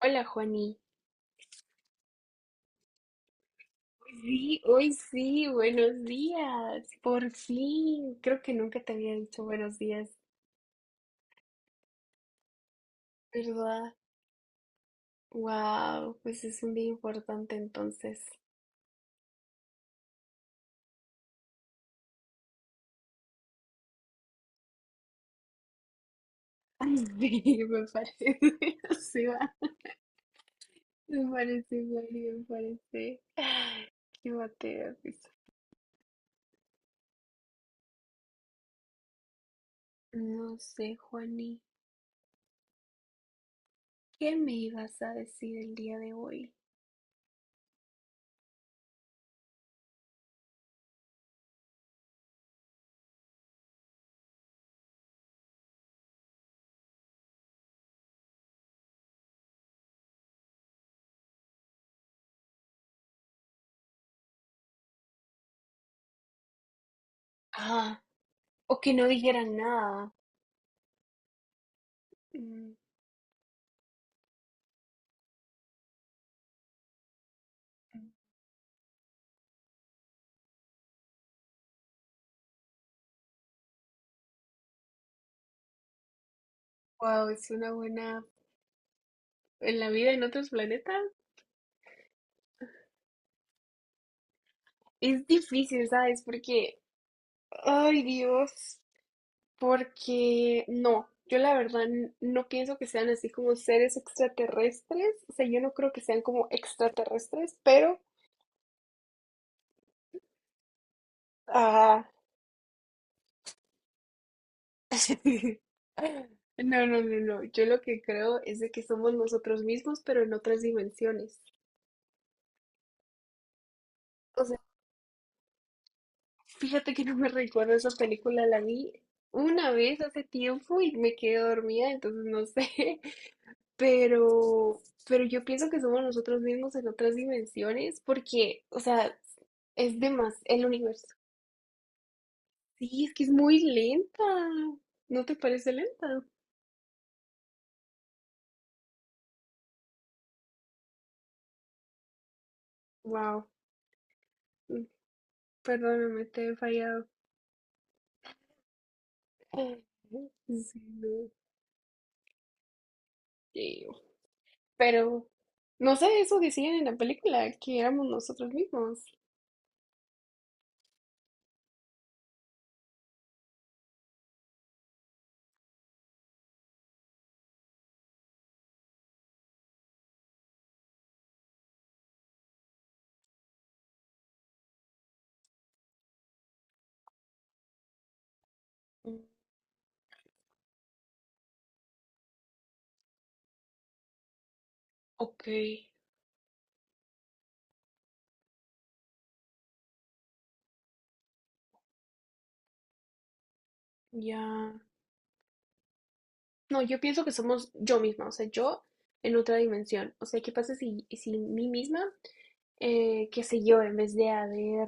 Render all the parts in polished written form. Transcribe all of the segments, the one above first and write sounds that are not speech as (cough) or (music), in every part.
Hola, Juani. Hoy sí, buenos días, por fin. Creo que nunca te había dicho buenos días, ¿verdad? Wow, pues es un día importante entonces. Ay, sí, (laughs) me parece, (laughs) sí va. Me parece, Juani, me parece. Qué batida, risa. No sé, Juani, ¿qué me ibas a decir el día de hoy? Ah, o que no dijera nada. Wow, es una buena... ¿En la vida en otros planetas? Es difícil, ¿sabes? Porque, ay Dios, porque no, yo la verdad no pienso que sean así como seres extraterrestres, o sea, yo no creo que sean como extraterrestres, pero, ah, (laughs) no, no, no, no, yo lo que creo es de que somos nosotros mismos, pero en otras dimensiones. O sea, fíjate que no me recuerdo esa película, la vi una vez hace tiempo y me quedé dormida, entonces no sé. Pero, pero yo pienso que somos nosotros mismos en otras dimensiones porque, o sea, es de más el universo. Sí, es que es muy lenta. ¿No te parece lenta? Wow. Perdóname, te he fallado. Ay, no. Sí, no, eh, pero, no sé, eso decían en la película, que éramos nosotros mismos. Mm. Ok, ya. No, yo pienso que somos yo misma, o sea, yo en otra dimensión. O sea, ¿qué pasa si mí misma qué sé yo, en vez de haber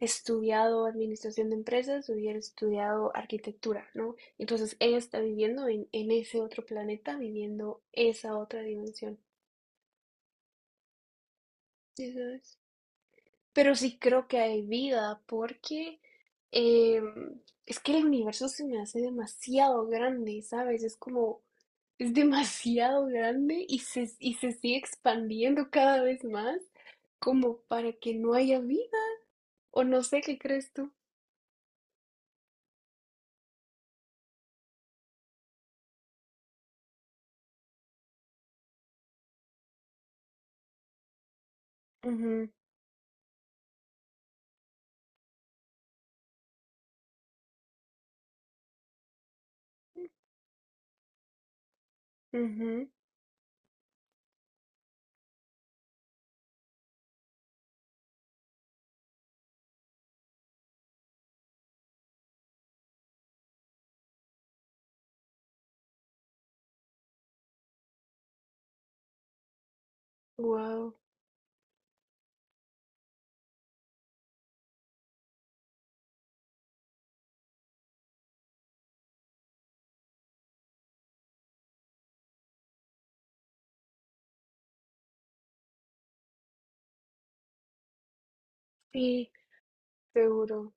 estudiado administración de empresas, hubiera estudiado arquitectura, ¿no? Entonces ella está viviendo en ese otro planeta, viviendo esa otra dimensión, ¿sí sabes? Pero sí creo que hay vida porque es que el universo se me hace demasiado grande, ¿sabes? Es como, es demasiado grande y se sigue expandiendo cada vez más como para que no haya vida. O no sé qué crees tú. Ujú, ujú. Wow, sí, seguro,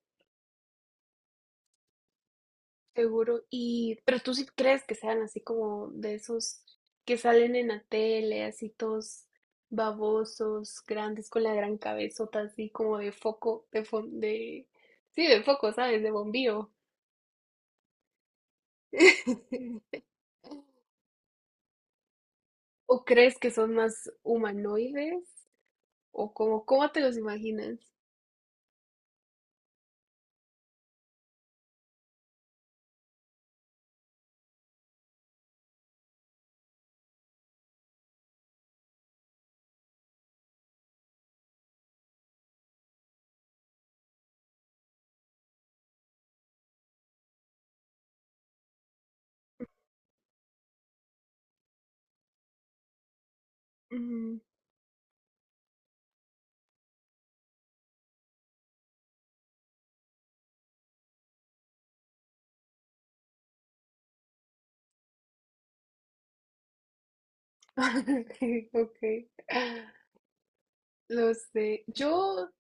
seguro. Y, pero tú sí crees que sean así como de esos que salen en la tele, así todos babosos, grandes, con la gran cabezota, así como de foco, sí, de foco, ¿sabes? De bombillo. (laughs) ¿O crees que son más humanoides? ¿O cómo te los imaginas? Ujú. (laughs) Ok, no sé. Yo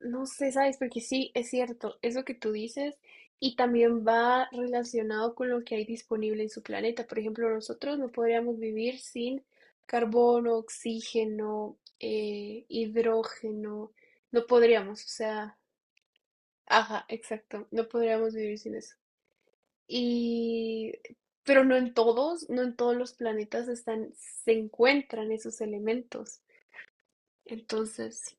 No sé, ¿sabes? Porque sí, es cierto, eso que tú dices, y también va relacionado con lo que hay disponible en su planeta. Por ejemplo, nosotros no podríamos vivir sin carbono, oxígeno, hidrógeno, no podríamos, o sea, ajá, exacto, no podríamos vivir sin eso. Y, pero no en todos, no en todos los planetas están, se encuentran esos elementos. Entonces,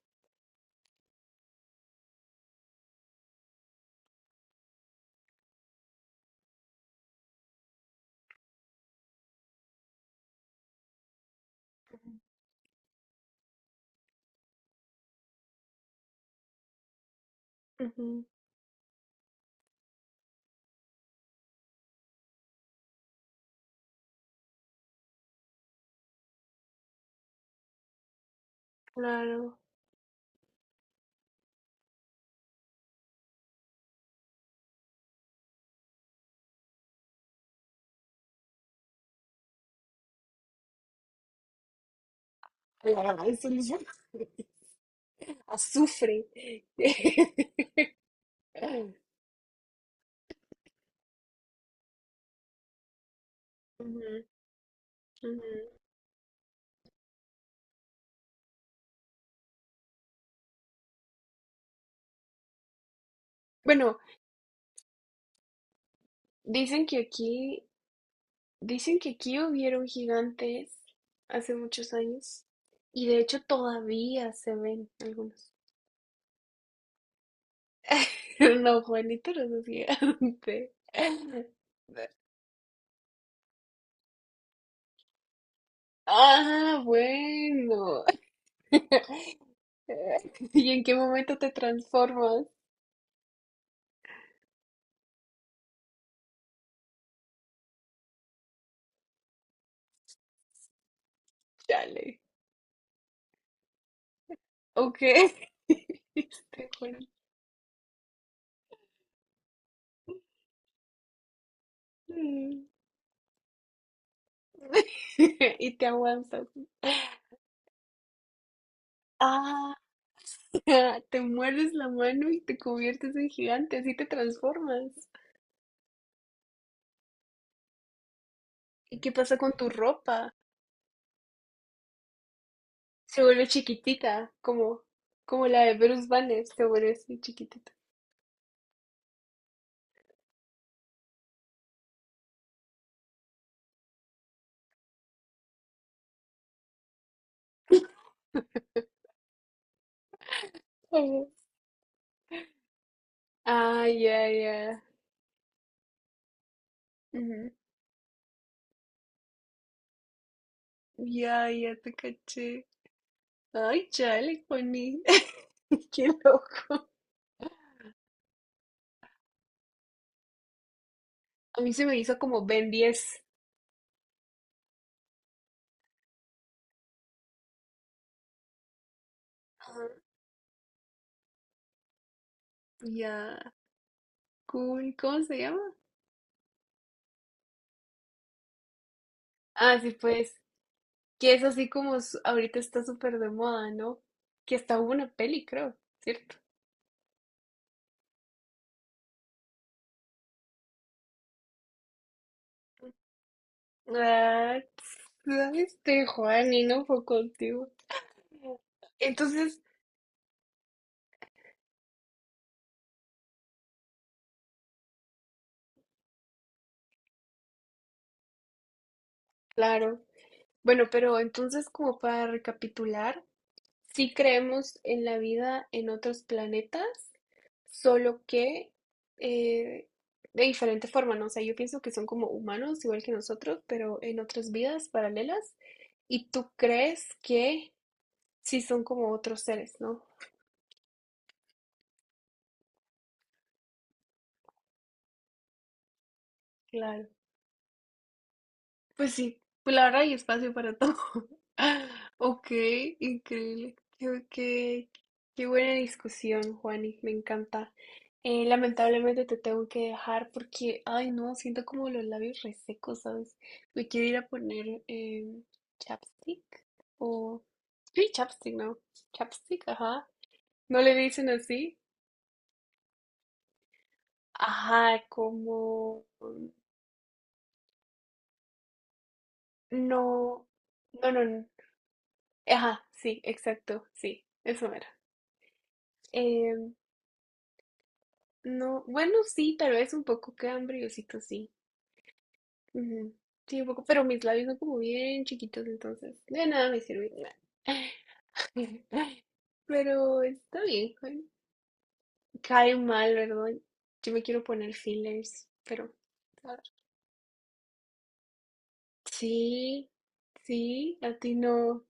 ujú, claro. Claro, eso es Azufre. (laughs) Ujú, ujú. Bueno, dicen que aquí, dicen que aquí hubieron gigantes hace muchos años y de hecho todavía se ven algunos. (laughs) No, Juanito no es gigante. Ah, bueno. (laughs) ¿Y en qué momento te transformas? Chale. Ok. (laughs) Este Juan. (laughs) Y te aguantas. Ah, (laughs) te muerdes la mano y te conviertes en gigante, así te transformas. ¿Y qué pasa con tu ropa? Se vuelve chiquitita, como, como la de Bruce Banner, se vuelve así chiquitita. Ujú. Ah, ya, ya. Ujú. Ya, ya te caché. Ay, chale, Connie. (laughs) Qué loco. A mí se me hizo como Ben 10. Ajá. Ya, cool. ¿Cómo se llama? Ah, sí, pues. Que es así como ahorita está súper de moda, ¿no? Que hasta hubo una peli, creo, ¿cierto? Ah, este Juan y no fue contigo. Entonces, claro. Bueno, pero entonces como para recapitular, sí creemos en la vida en otros planetas, solo que eh, de diferente forma, ¿no? O sea, yo pienso que son como humanos, igual que nosotros, pero en otras vidas paralelas. Y tú crees que sí son como otros seres, ¿no? Claro, pues sí, pues la verdad hay espacio para todo. (laughs) Ok, increíble. Qué, qué buena discusión, Juani, me encanta. Lamentablemente te tengo que dejar porque, ay no, siento como los labios resecos, ¿sabes? Me quiero ir a poner chapstick o... Sí, chapstick, ¿no? Chapstick, ajá. ¿No le dicen así? Ajá, como... No, no, no, no. Ajá, sí, exacto, sí, eso era. Eh, no, bueno, sí, tal vez un poco cambriosito, sí. Ujú, sí, un poco, pero mis labios son como bien chiquitos, entonces de nada me sirve. (laughs) Pero está bien, bueno, cae mal, ¿verdad? Yo me quiero poner fillers, pero a ver. Sí, sí, a ti no.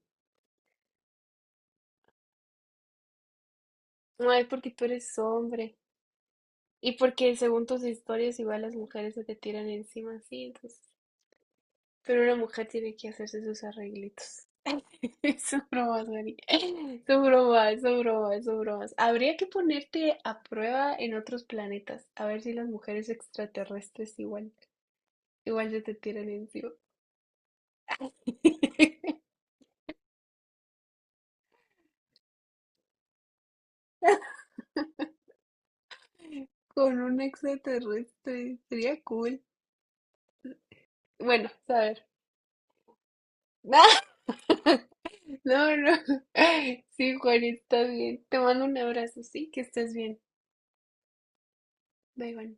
No es porque tú eres hombre y porque según tus historias igual las mujeres se te tiran encima, sí, entonces pero una mujer tiene que hacerse sus arreglitos. (laughs) Son bromas, Mari. (laughs) Son bromas, son bromas, son bromas. Habría que ponerte a prueba en otros planetas. A ver si las mujeres extraterrestres igual, igual se te tiran encima. (laughs) Con un extraterrestre. Sería cool. Bueno, a ver. (laughs) No, no. Sí, Juan, estás bien. Te mando un abrazo, sí, que estés bien. Bye, Juan.